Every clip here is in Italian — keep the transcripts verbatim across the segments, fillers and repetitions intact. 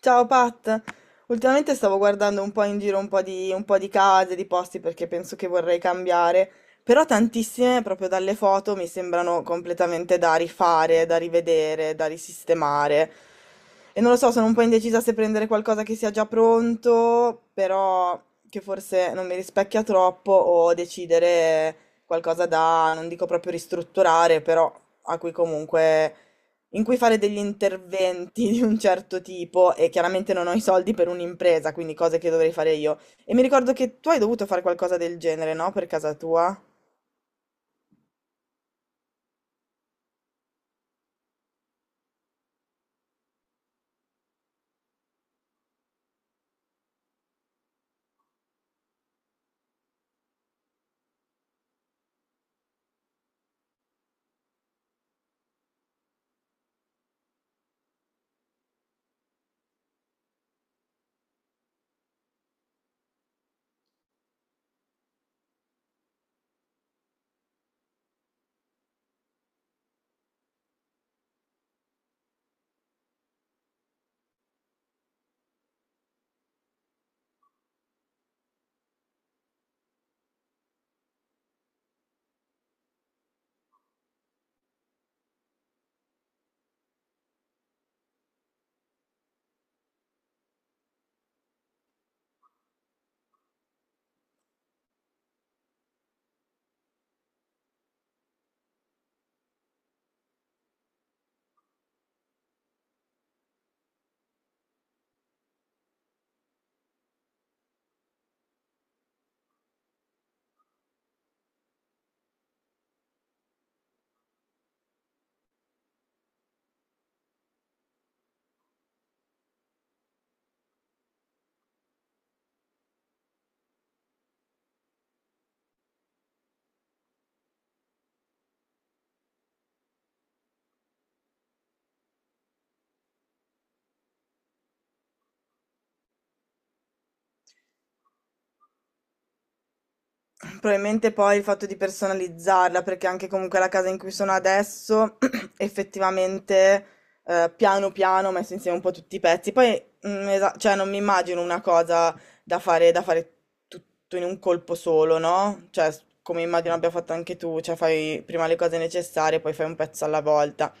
Ciao Pat, ultimamente stavo guardando un po' in giro un po' di, un po' di case, di posti perché penso che vorrei cambiare, però tantissime proprio dalle foto mi sembrano completamente da rifare, da rivedere, da risistemare. E non lo so, sono un po' indecisa se prendere qualcosa che sia già pronto, però che forse non mi rispecchia troppo, o decidere qualcosa da, non dico proprio ristrutturare, però a cui comunque in cui fare degli interventi di un certo tipo e chiaramente non ho i soldi per un'impresa, quindi cose che dovrei fare io. E mi ricordo che tu hai dovuto fare qualcosa del genere, no? Per casa tua? Probabilmente poi il fatto di personalizzarla, perché anche comunque la casa in cui sono adesso, effettivamente, eh, piano piano ho messo insieme un po' tutti i pezzi. Poi, mm, esa- cioè, non mi immagino una cosa da fare, da fare tutto in un colpo solo, no? Cioè, s- come immagino abbia fatto anche tu, cioè fai prima le cose necessarie, poi fai un pezzo alla volta.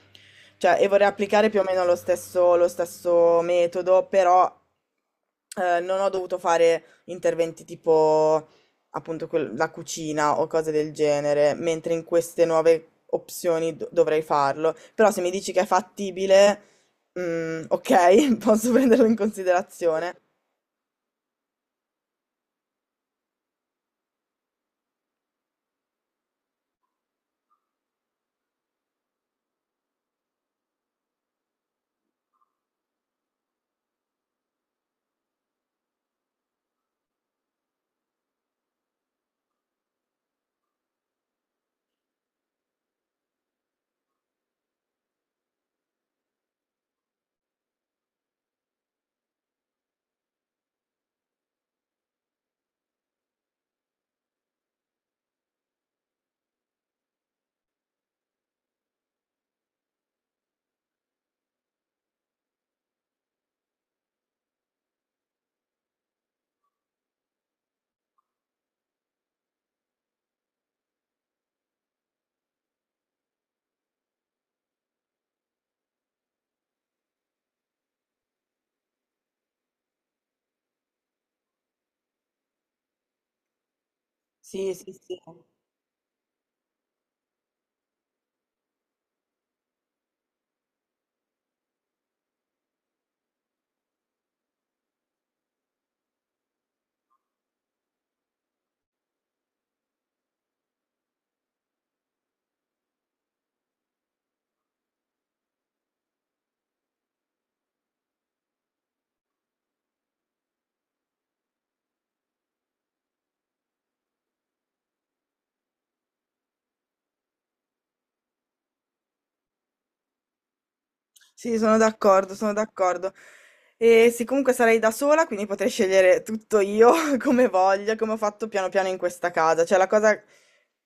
Cioè, e vorrei applicare più o meno lo stesso, lo stesso metodo, però eh, non ho dovuto fare interventi tipo appunto quel- la cucina o cose del genere, mentre in queste nuove opzioni do- dovrei farlo. Però se mi dici che è fattibile, mm, ok, posso prenderlo in considerazione. Sì, sì, sì. Sì, sono d'accordo, sono d'accordo. E sì, comunque sarei da sola, quindi potrei scegliere tutto io come voglio, come ho fatto piano piano in questa casa. Cioè, la cosa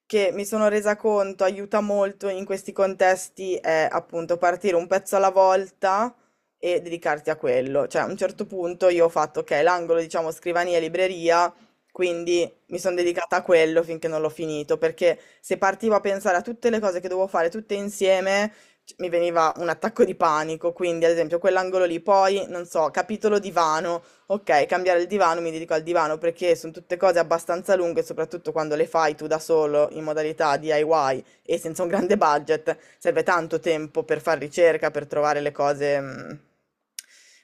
che mi sono resa conto aiuta molto in questi contesti è appunto partire un pezzo alla volta e dedicarti a quello. Cioè, a un certo punto io ho fatto, ok, l'angolo, diciamo, scrivania e libreria, quindi mi sono dedicata a quello finché non l'ho finito, perché se partivo a pensare a tutte le cose che dovevo fare tutte insieme c- mi veniva un attacco di panico, quindi ad esempio quell'angolo lì, poi non so, capitolo divano, ok, cambiare il divano, mi dedico al divano perché sono tutte cose abbastanza lunghe, soprattutto quando le fai tu da solo in modalità D I Y e senza un grande budget serve tanto tempo per fare ricerca, per trovare le cose mh,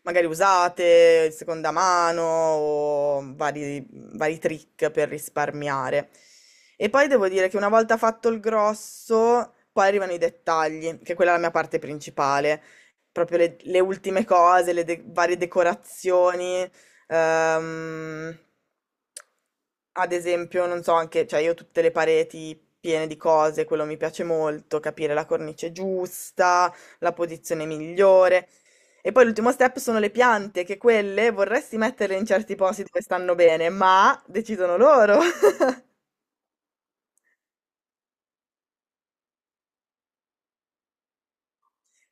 magari usate, seconda mano o vari, vari trick per risparmiare. E poi devo dire che una volta fatto il grosso, poi arrivano i dettagli, che quella è la mia parte principale, proprio le, le ultime cose, le de- varie decorazioni, Ehm, ad esempio, non so, anche, cioè io ho tutte le pareti piene di cose, quello mi piace molto, capire la cornice giusta, la posizione migliore. E poi l'ultimo step sono le piante, che quelle vorresti metterle in certi posti dove stanno bene, ma decidono loro.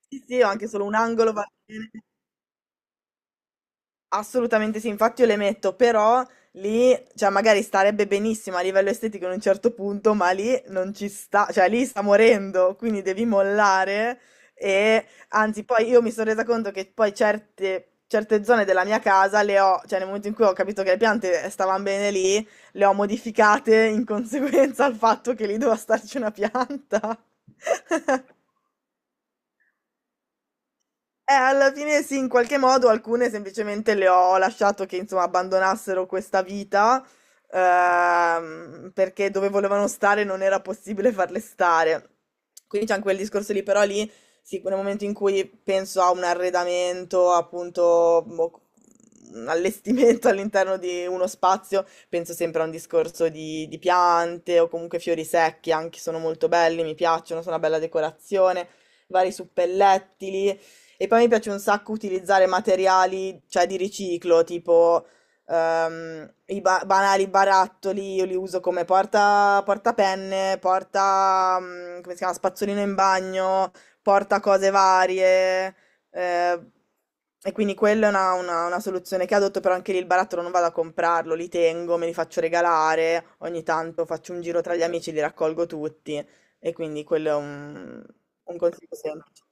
Sì, sì, ho anche solo un angolo va bene. Assolutamente sì, infatti io le metto, però lì, cioè magari starebbe benissimo a livello estetico in un certo punto, ma lì non ci sta, cioè lì sta morendo, quindi devi mollare e anzi poi io mi sono resa conto che poi certe, certe zone della mia casa le ho, cioè nel momento in cui ho capito che le piante stavano bene lì, le ho modificate in conseguenza al fatto che lì doveva starci una pianta. Eh, alla fine sì, in qualche modo alcune semplicemente le ho lasciato che insomma abbandonassero questa vita ehm, perché dove volevano stare non era possibile farle stare. Quindi c'è anche quel discorso lì, però lì sì, nel momento in cui penso a un arredamento, appunto, mo- un allestimento all'interno di uno spazio, penso sempre a un discorso di, di piante o comunque fiori secchi, anche sono molto belli, mi piacciono, sono una bella decorazione, vari suppellettili. E poi mi piace un sacco utilizzare materiali, cioè di riciclo, tipo ehm, i ba- banali barattoli, io li uso come porta, portapenne, porta, mm, come si chiama, spazzolino in bagno, porta cose varie. Eh, e quindi quella è una, una- una soluzione che adotto, però anche lì il barattolo non vado a comprarlo, li tengo, me li faccio regalare, ogni tanto faccio un giro tra gli amici, li raccolgo tutti. E quindi quello è un, un consiglio semplice.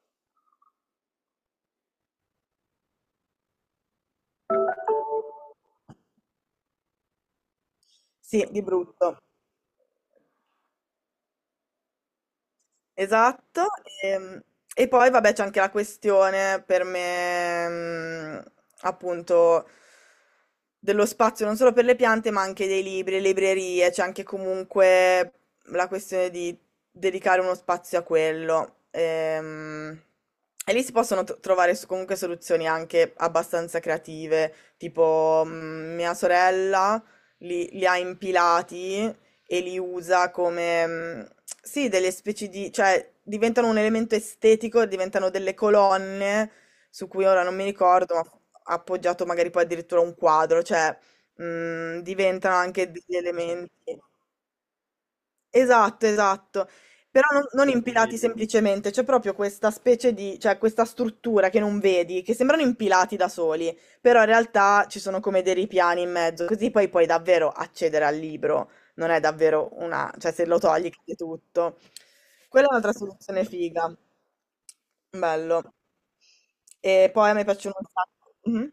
Sì, di brutto. Esatto, ehm, e, poi vabbè c'è anche la questione per me, mm, appunto, dello spazio non solo per le piante, ma anche dei libri, le librerie, c'è anche comunque la questione di dedicare uno spazio a quello. Ehm, e lì si possono tro- trovare so- comunque soluzioni anche abbastanza creative, tipo mm, mia sorella li, li ha impilati e li usa come, mm, sì, delle specie di, cioè diventano un elemento estetico, diventano delle colonne su cui ora non mi ricordo, ma appoggiato magari poi addirittura a un quadro, cioè mm, diventano anche degli elementi. Esatto, esatto. Però non, non impilati. Quindi, semplicemente, c'è proprio questa specie di, cioè questa struttura che non vedi, che sembrano impilati da soli, però in realtà ci sono come dei ripiani in mezzo, così poi puoi davvero accedere al libro, non è davvero una, cioè se lo togli cade tutto. Quella è un'altra soluzione figa. Bello. E poi a me piacciono un sacco. Mhm.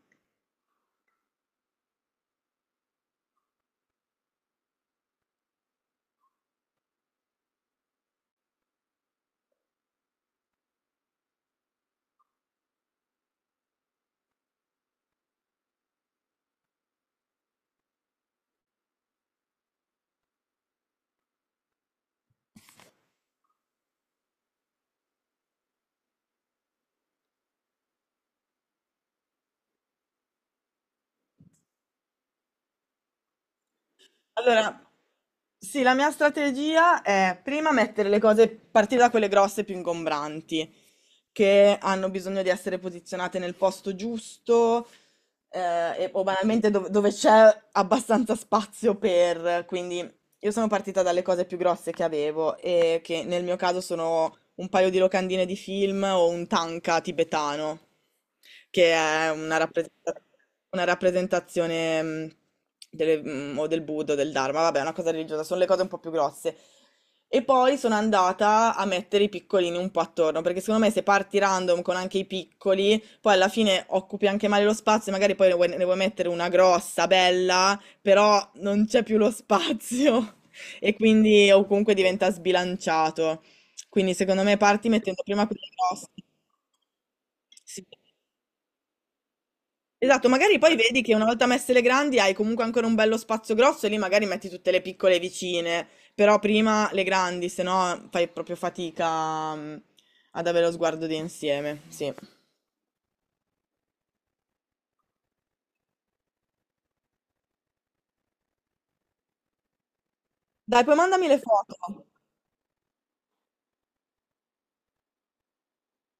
Allora, sì, la mia strategia è prima mettere le cose, partire da quelle grosse più ingombranti, che hanno bisogno di essere posizionate nel posto giusto, eh, e- o banalmente dov- dove c'è abbastanza spazio per, quindi io sono partita dalle cose più grosse che avevo e che nel mio caso sono un paio di locandine di film o un tanka tibetano, che è una rappresenta- una rappresentazione mh, delle- mh, o del Buddha o del Dharma, vabbè, è una cosa religiosa, sono le cose un po' più grosse. E poi sono andata a mettere i piccolini un po' attorno, perché secondo me se parti random con anche i piccoli, poi alla fine occupi anche male lo spazio, e magari poi ne vuoi, ne vuoi mettere una grossa, bella però non c'è più lo spazio e quindi o comunque diventa sbilanciato. Quindi secondo me parti mettendo prima quelle grosse. Sì. Esatto, magari poi vedi che una volta messe le grandi hai comunque ancora un bello spazio grosso e lì magari metti tutte le piccole vicine, però prima le grandi, se no fai proprio fatica mm, ad avere lo sguardo di insieme. Sì. Dai, poi mandami le foto.